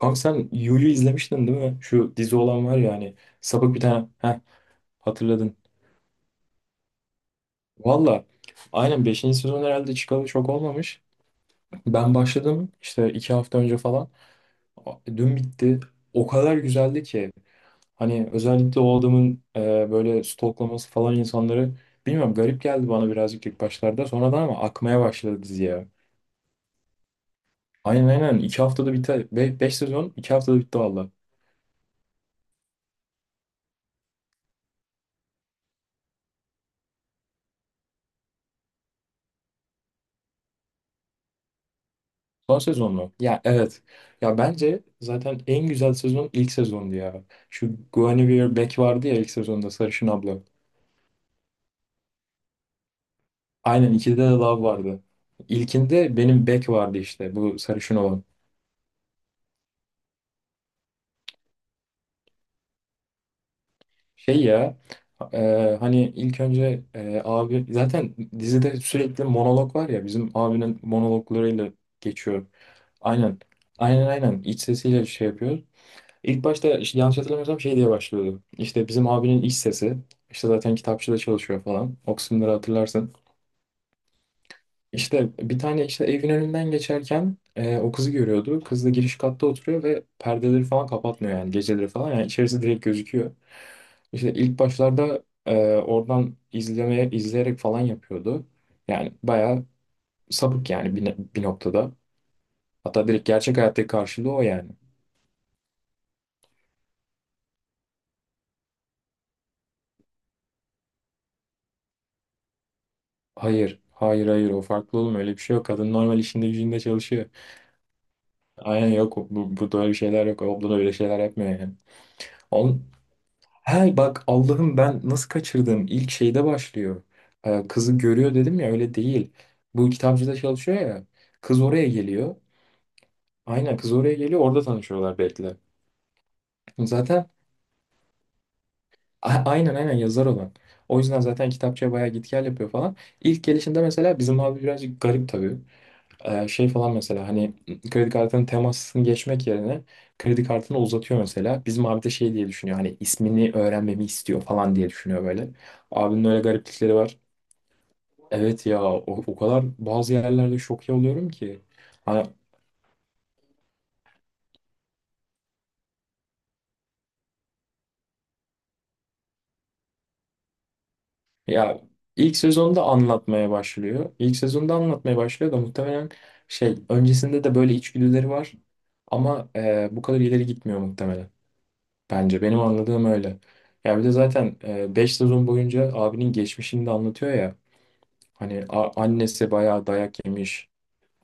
Kanka sen Yu'yu izlemiştin değil mi? Şu dizi olan var ya hani sapık bir tane. Heh, hatırladın. Valla aynen beşinci sezon herhalde çıkalı çok olmamış. Ben başladım işte 2 hafta önce falan. Dün bitti. O kadar güzeldi ki. Hani özellikle o adamın böyle stalklaması falan insanları, bilmiyorum, garip geldi bana birazcık ilk başlarda. Sonradan ama akmaya başladı dizi. Aynen aynen, 2 haftada bitti. 5 sezon 2 haftada bitti. Son sezon mu? Ya evet. Ya bence zaten en güzel sezon ilk sezondu ya. Şu Guinevere Beck vardı ya ilk sezonda, sarışın abla. Aynen, ikide de Love vardı. İlkinde benim Beck vardı, işte bu sarışın olan. Şey ya, hani ilk önce abi zaten dizide sürekli monolog var ya, bizim abinin monologlarıyla geçiyor. Aynen. Aynen aynen, iç sesiyle şey yapıyor. İlk başta işte, yanlış hatırlamıyorsam, şey diye başlıyordu. İşte bizim abinin iş sesi. İşte zaten kitapçıda çalışıyor falan. O kısımları hatırlarsın. İşte bir tane, işte evin önünden geçerken o kızı görüyordu. Kız da giriş katta oturuyor ve perdeleri falan kapatmıyor yani geceleri falan. Yani içerisi direkt gözüküyor. İşte ilk başlarda oradan izleyerek falan yapıyordu. Yani bayağı sapık yani bir noktada. Hatta direkt gerçek hayattaki karşılığı o yani. Hayır, hayır, hayır, o farklı oğlum, öyle bir şey yok. Kadın normal işinde gücünde çalışıyor. Aynen, yok burada öyle şeyler yok. Ablan öyle şeyler yapmıyor yani. On, he bak, Allah'ım, ben nasıl kaçırdım? İlk şeyde başlıyor. Kızı görüyor dedim ya, öyle değil. Bu kitapçıda çalışıyor ya. Kız oraya geliyor. Aynen, kız oraya geliyor, orada tanışıyorlar belki de. Zaten aynen aynen, yazar olan. O yüzden zaten kitapçıya bayağı git gel yapıyor falan. İlk gelişinde mesela bizim abi birazcık garip tabii. Şey falan mesela, hani kredi kartının temasını geçmek yerine kredi kartını uzatıyor mesela. Bizim abi de şey diye düşünüyor, hani ismini öğrenmemi istiyor falan diye düşünüyor böyle. Abinin öyle gariplikleri var. Evet ya, o kadar bazı yerlerde şok oluyorum ki. Hani ya ilk sezonda anlatmaya başlıyor. İlk sezonda anlatmaya başlıyor da muhtemelen şey, öncesinde de böyle içgüdüleri var. Ama bu kadar ileri gitmiyor muhtemelen. Bence benim anladığım öyle. Ya bir de zaten 5 sezon boyunca abinin geçmişini de anlatıyor ya. Hani annesi bayağı dayak yemiş.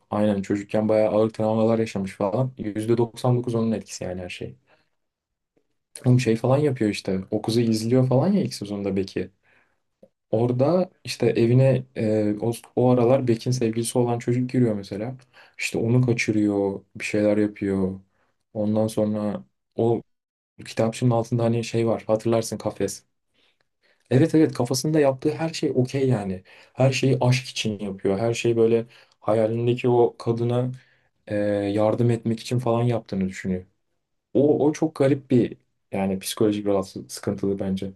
Aynen, çocukken bayağı ağır travmalar yaşamış falan. %99 onun etkisi yani, her şey. Oğlum şey falan yapıyor işte. O kızı izliyor falan ya ilk sezonda, Beck'i. Orada işte evine o aralar Beck'in sevgilisi olan çocuk giriyor mesela. İşte onu kaçırıyor, bir şeyler yapıyor. Ondan sonra o kitapçının altında hani şey var, hatırlarsın, kafes. Evet evet, kafasında yaptığı her şey okey yani. Her şeyi aşk için yapıyor. Her şeyi böyle hayalindeki o kadına yardım etmek için falan yaptığını düşünüyor. O çok garip bir, yani psikolojik rahatsız, sıkıntılı bence.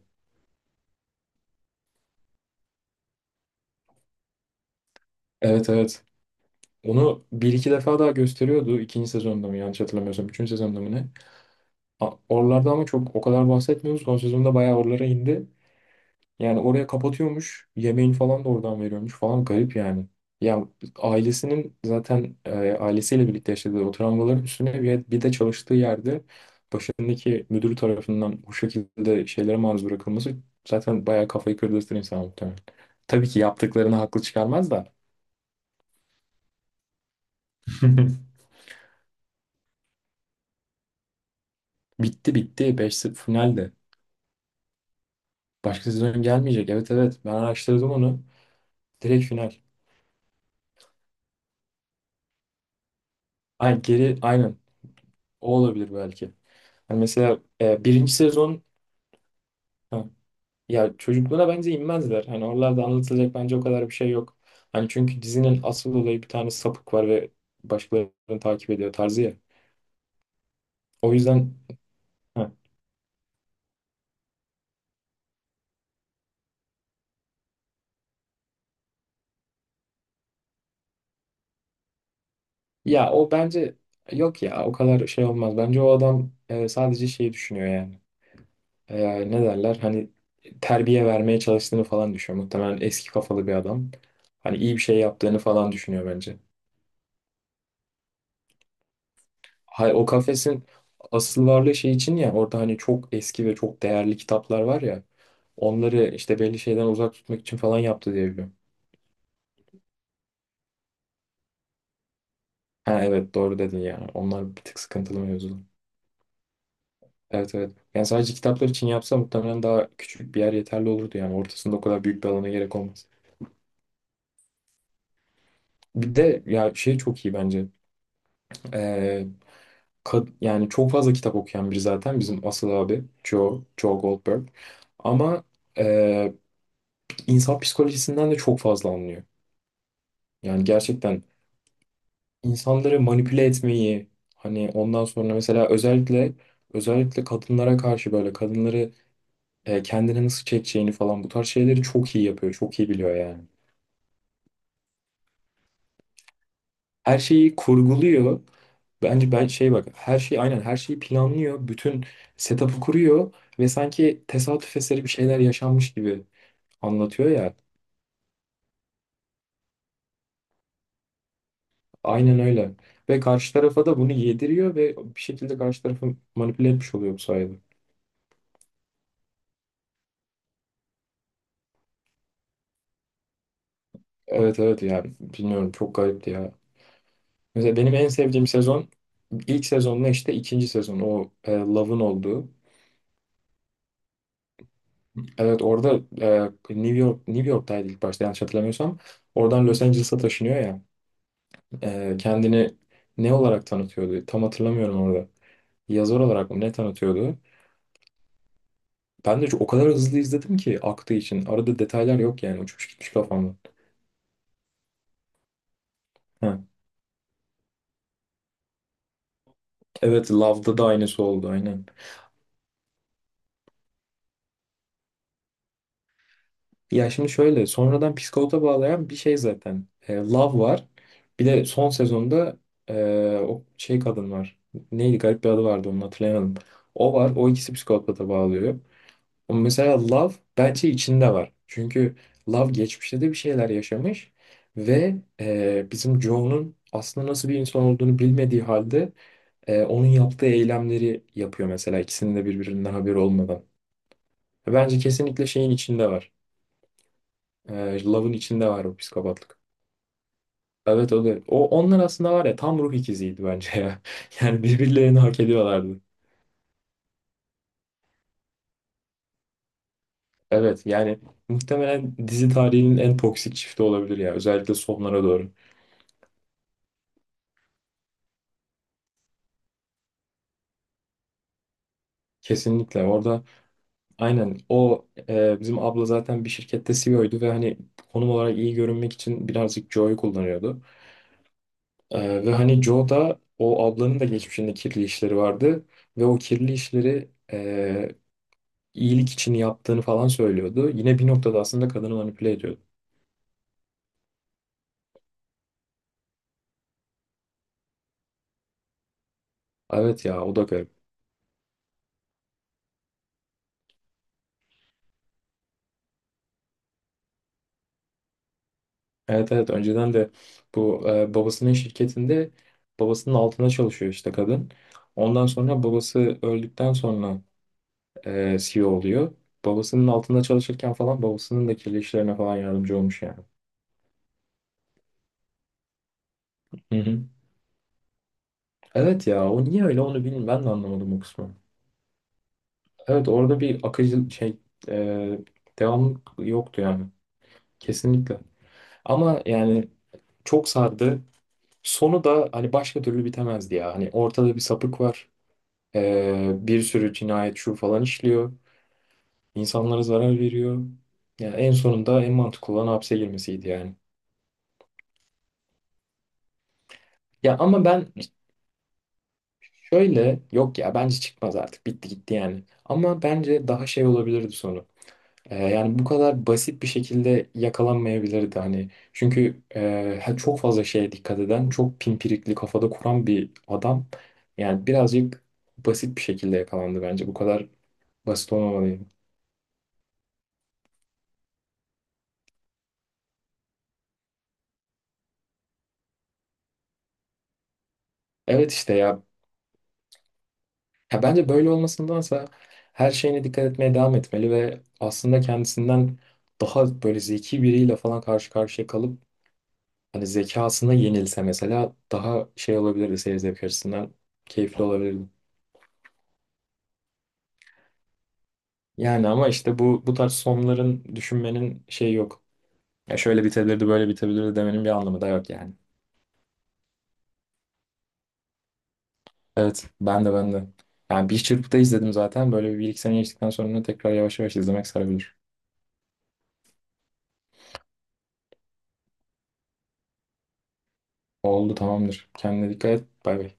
Evet evet. Onu bir iki defa daha gösteriyordu. İkinci sezonda mı, yanlış hatırlamıyorsam. Üçüncü sezonda mı ne? Oralarda ama çok o kadar bahsetmiyoruz. Son sezonda bayağı oralara indi. Yani oraya kapatıyormuş. Yemeğini falan da oradan veriyormuş falan. Garip yani. Ya ailesinin zaten ailesiyle birlikte yaşadığı o travmaların üstüne, bir de çalıştığı yerde başındaki müdür tarafından bu şekilde şeylere maruz bırakılması zaten bayağı kafayı kırdırtır insan muhtemelen. Tabii ki yaptıklarını haklı çıkarmaz da. Bitti bitti. Beş 0 finalde. Başka sezon gelmeyecek. Evet evet. Ben araştırdım onu. Direkt final. Ay, geri aynen. O olabilir belki. Hani mesela birinci sezon. Ya çocuklara bence inmezler. Hani oralarda anlatılacak bence o kadar bir şey yok. Hani çünkü dizinin asıl olayı, bir tane sapık var ve başkalarını takip ediyor tarzı ya. O yüzden. Heh. Ya o bence yok ya, o kadar şey olmaz. Bence o adam sadece şeyi düşünüyor yani. Ne derler hani, terbiye vermeye çalıştığını falan düşünüyor. Muhtemelen eski kafalı bir adam. Hani iyi bir şey yaptığını falan düşünüyor bence. Hay, o kafesin asıl varlığı şey için ya, orada hani çok eski ve çok değerli kitaplar var ya, onları işte belli şeyden uzak tutmak için falan yaptı diye biliyorum. Ha evet, doğru dedin ya. Onlar bir tık sıkıntılı mevzular. Evet evet. Yani sadece kitaplar için yapsa muhtemelen daha küçük bir yer yeterli olurdu yani. Ortasında o kadar büyük bir alana gerek olmaz. Bir de ya şey çok iyi bence. Ee, yani çok fazla kitap okuyan biri zaten bizim asıl abi Joe, Joe Goldberg. Ama ee, insan psikolojisinden de çok fazla anlıyor. Yani gerçekten insanları manipüle etmeyi, hani ondan sonra mesela özellikle, özellikle kadınlara karşı, böyle kadınları kendine nasıl çekeceğini falan, bu tarz şeyleri çok iyi yapıyor. Çok iyi biliyor yani. Her şeyi kurguluyor. Bence ben şey, bak, her şeyi, aynen, her şeyi planlıyor. Bütün setup'ı kuruyor ve sanki tesadüf eseri bir şeyler yaşanmış gibi anlatıyor ya. Aynen öyle. Ve karşı tarafa da bunu yediriyor ve bir şekilde karşı tarafı manipüle etmiş oluyor bu sayede. Evet evet ya, bilmiyorum, çok garipti ya. Mesela benim en sevdiğim sezon ilk sezonla işte ikinci sezon, o Love'ın olduğu. Evet, orada New York'taydı ilk başta, yanlış hatırlamıyorsam. Oradan Los Angeles'a taşınıyor ya. Kendini ne olarak tanıtıyordu? Tam hatırlamıyorum orada. Yazar olarak mı ne tanıtıyordu? Ben de o kadar hızlı izledim ki aktığı için. Arada detaylar yok yani, uçmuş gitmiş kafamda. Ha. Evet, Love'da da aynısı oldu aynen. Ya şimdi şöyle, sonradan psikopata bağlayan bir şey zaten. Love var. Bir de son sezonda e, o şey kadın var. Neydi, garip bir adı vardı, onu hatırlayamadım. O var. O ikisi psikopata bağlıyor. Ama mesela Love bence içinde var. Çünkü Love geçmişte de bir şeyler yaşamış. Ve bizim Joe'nun aslında nasıl bir insan olduğunu bilmediği halde onun yaptığı eylemleri yapıyor mesela, ikisinin de birbirinden haberi olmadan. Bence kesinlikle şeyin içinde var. Love'ın içinde var o psikopatlık. Evet, o da. Onlar aslında var ya, tam ruh ikiziydi bence ya. Yani birbirlerini hak ediyorlardı. Evet yani muhtemelen dizi tarihinin en toksik çifti olabilir ya. Özellikle sonlara doğru. Kesinlikle orada aynen, o bizim abla zaten bir şirkette CEO'ydu ve hani konum olarak iyi görünmek için birazcık Joe'yu kullanıyordu. Ve hani Joe da, o ablanın da geçmişinde kirli işleri vardı. Ve o kirli işleri iyilik için yaptığını falan söylüyordu. Yine bir noktada aslında kadını manipüle ediyordu. Evet ya, o da garip. Evet evet, önceden de bu babasının şirketinde babasının altına çalışıyor işte kadın. Ondan sonra babası öldükten sonra CEO oluyor. Babasının altında çalışırken falan babasının da kirli işlerine falan yardımcı olmuş yani. Hı hı. Evet ya, o niye öyle onu bilmiyorum. Ben de anlamadım o kısmı. Evet, orada bir akıcı şey e, devamlı yoktu yani. Kesinlikle. Ama yani çok sardı. Sonu da hani başka türlü bitemezdi ya. Hani ortada bir sapık var. Bir sürü cinayet şu falan işliyor. İnsanlara zarar veriyor. Yani en sonunda en mantıklı olan hapse girmesiydi yani. Ya ama ben şöyle, yok ya, bence çıkmaz, artık bitti gitti yani. Ama bence daha şey olabilirdi sonu. Yani bu kadar basit bir şekilde yakalanmayabilirdi hani. Çünkü çok fazla şeye dikkat eden, çok pimpirikli kafada kuran bir adam. Yani birazcık basit bir şekilde yakalandı bence. Bu kadar basit olmamalıydı. Evet işte ya. Ya bence böyle olmasındansa her şeyine dikkat etmeye devam etmeli ve aslında kendisinden daha böyle zeki biriyle falan karşı karşıya kalıp, hani zekasına yenilse mesela, daha şey olabilirdi seyir zevk açısından, keyifli olabilirdi. Yani ama işte bu tarz sonların düşünmenin şey yok. Ya şöyle bitebilirdi, böyle bitebilirdi demenin bir anlamı da yok yani. Evet, ben de ben de. Yani bir çırpıda izledim zaten. Böyle bir, 2 sene geçtikten sonra tekrar yavaş yavaş izlemek sarabilir. Oldu, tamamdır. Kendine dikkat et. Bay bay.